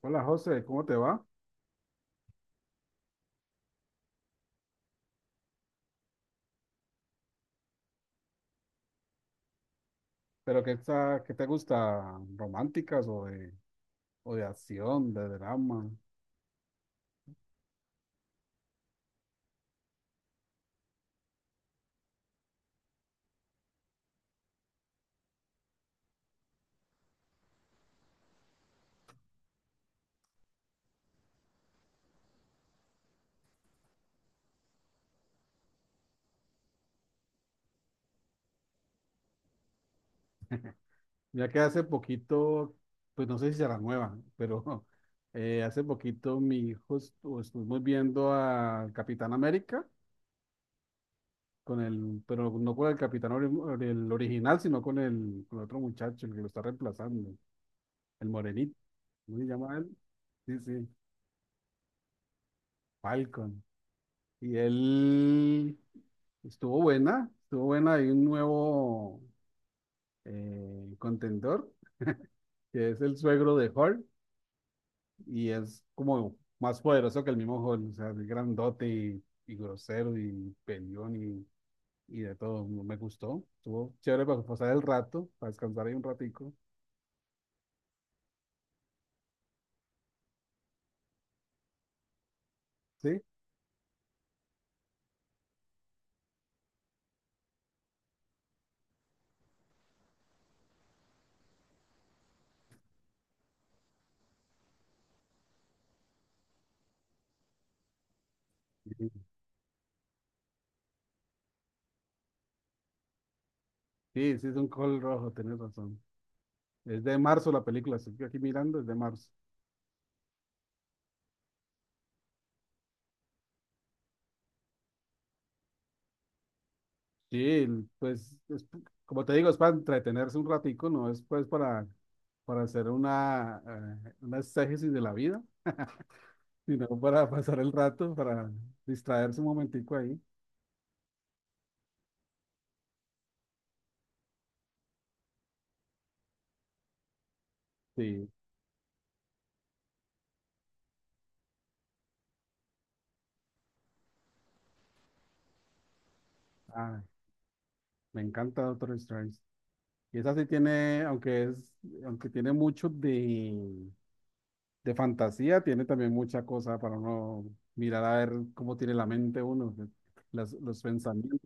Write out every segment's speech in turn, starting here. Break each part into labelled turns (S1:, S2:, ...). S1: Hola José, ¿cómo te va? Pero ¿qué te gusta? ¿Románticas o de acción, de drama? Ya que hace poquito, pues no sé si será nueva, pero hace poquito mi hijo estuvimos viendo al Capitán América, con el, pero no con el Capitán el original, sino con el, con otro muchacho, el que lo está reemplazando, el morenito, ¿cómo se llama él? Sí, sí, Falcon. Y él estuvo buena, estuvo buena. Hay un nuevo contendor que es el suegro de Hulk y es como más poderoso que el mismo Hulk, o sea, es grandote y grosero y peleón y de todo. No me gustó, estuvo chévere para pasar el rato, para descansar ahí un ratico. Sí, sí, sí, es un Hulk rojo, tenés razón. Es de marzo la película, estoy aquí mirando, es de marzo. Sí, pues es como te digo, es para entretenerse un ratico, no es pues para hacer una exégesis de la vida, sino para pasar el rato, para distraerse un momentico ahí. Sí, ah, me encanta Doctor Strange. Y esa sí tiene, aunque es, aunque tiene mucho de fantasía, tiene también mucha cosa para uno mirar a ver cómo tiene la mente uno, los pensamientos.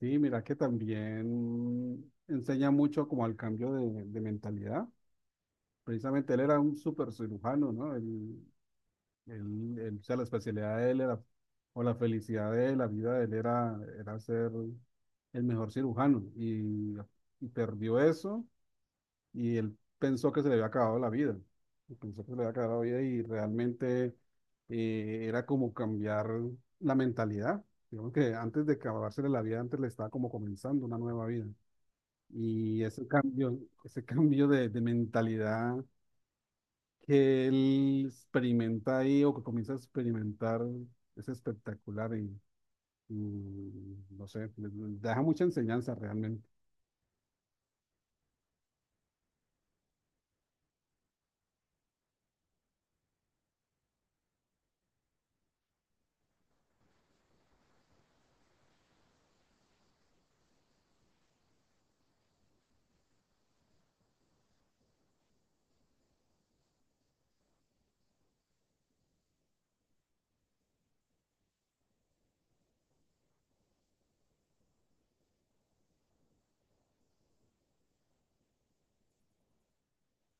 S1: Sí, mira que también enseña mucho como al cambio de mentalidad. Precisamente él era un súper cirujano, ¿no? O sea, la especialidad de él era, o la felicidad de él, la vida de él era, era ser el mejor cirujano. Y perdió eso y él pensó que se le había acabado la vida. Pensó que se le había acabado la vida y realmente era como cambiar la mentalidad. Digamos que antes de acabársele la vida, antes le estaba como comenzando una nueva vida. Y ese cambio, Ese cambio de mentalidad que él experimenta ahí o que comienza a experimentar es espectacular y no sé, le deja mucha enseñanza realmente.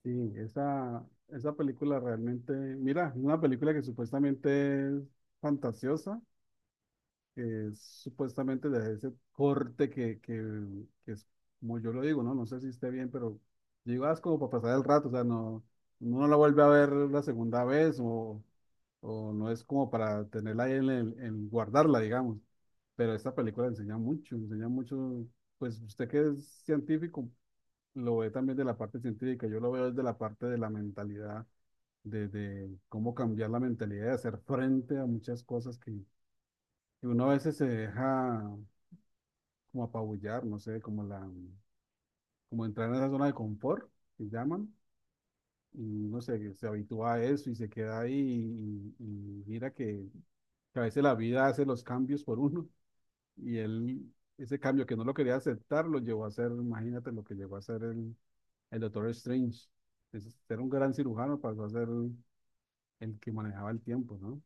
S1: Sí, esa película realmente, mira, es una película que supuestamente es fantasiosa, que es supuestamente de ese corte que es, como yo lo digo, ¿no? No sé si esté bien, pero yo digo, ah, es como para pasar el rato, o sea, no, uno no la vuelve a ver la segunda vez, o no es como para tenerla ahí en, en guardarla, digamos. Pero esta película enseña mucho, pues usted que es científico, lo ve también de la parte científica, yo lo veo desde la parte de la mentalidad, de cómo cambiar la mentalidad, de hacer frente a muchas cosas que y uno a veces se deja como apabullar, no sé, como entrar en esa zona de confort que llaman, y se habitúa a eso y se queda ahí y mira que a veces la vida hace los cambios por uno y él, ese cambio que no lo quería aceptar, lo llevó a hacer, imagínate lo que llegó a hacer el Doctor Strange. Era un gran cirujano, pasó a ser el que manejaba el tiempo, ¿no?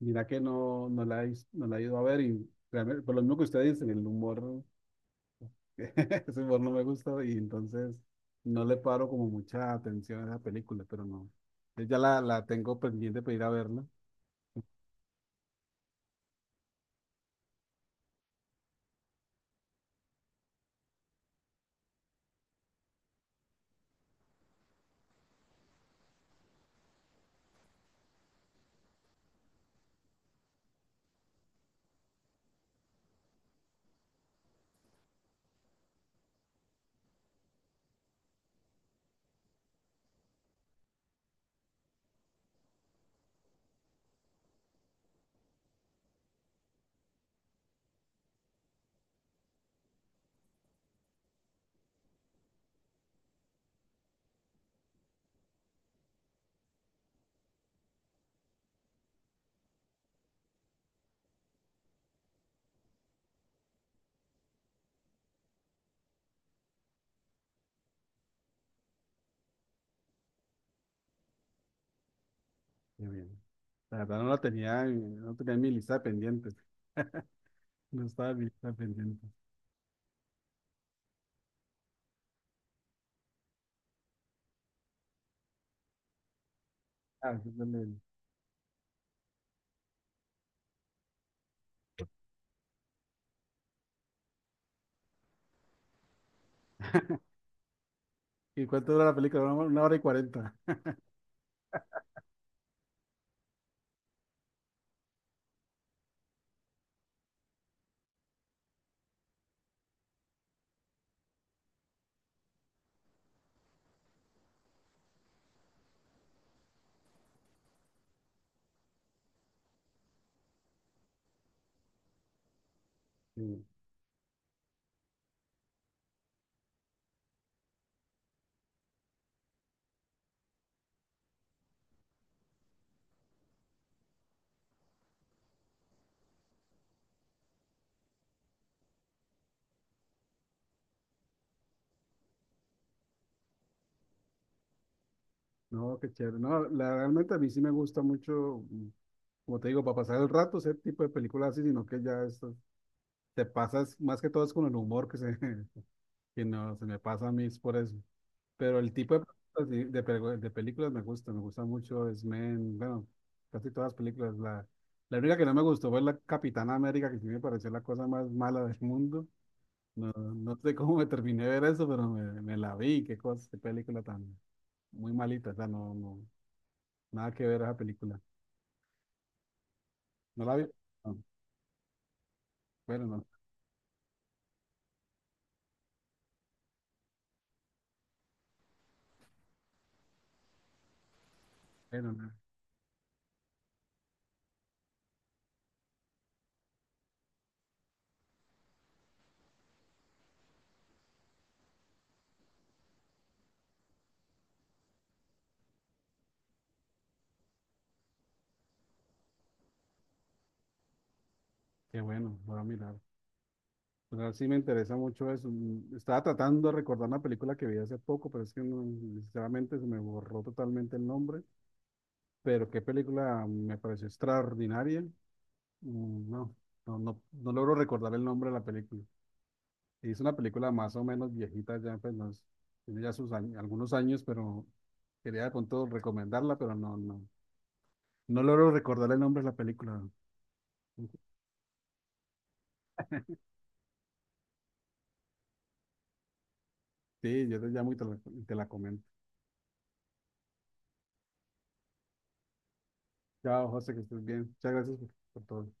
S1: Mira que no la he ido a ver y realmente, por lo mismo que usted dice, el humor. Ese humor no me gusta y entonces no le paro como mucha atención a esa película, pero no. Yo Ya la tengo pendiente para ir a verla. Qué bien. La verdad no tenía en mi lista de pendientes. No estaba en mi lista de pendientes. Ah, sí, dale. ¿Y cuánto dura la película? Una hora y cuarenta. Sí. No, qué chévere. No, la, realmente a mí sí me gusta mucho, como te digo, para pasar el rato, ese tipo de películas así, sino que ya esto, te pasas más que todo es con el humor que se, que no se me pasa a mí es por eso. Pero el tipo películas de películas me gusta mucho es men, bueno, casi todas las películas. La única que no me gustó fue la Capitana América, que sí me pareció la cosa más mala del mundo. No, no sé cómo me terminé de ver eso, pero me la vi, qué cosa, qué película tan muy malita, o sea, no, no, nada que ver esa película. ¿No la vi? No. Bueno, no, bueno, no. Qué bueno, voy a mirar. Pero sí me interesa mucho eso. Estaba tratando de recordar una película que vi hace poco, pero es que no, sinceramente se me borró totalmente el nombre. Pero qué película me pareció extraordinaria. Mm, No, no logro recordar el nombre de la película. Es una película más o menos viejita ya, pues no es- tiene ya sus algunos años, pero quería con todo recomendarla, pero no logro recordar el nombre de la película. Sí, yo te llamo y te la comento. Chao, José, que estés bien. Muchas gracias por todo.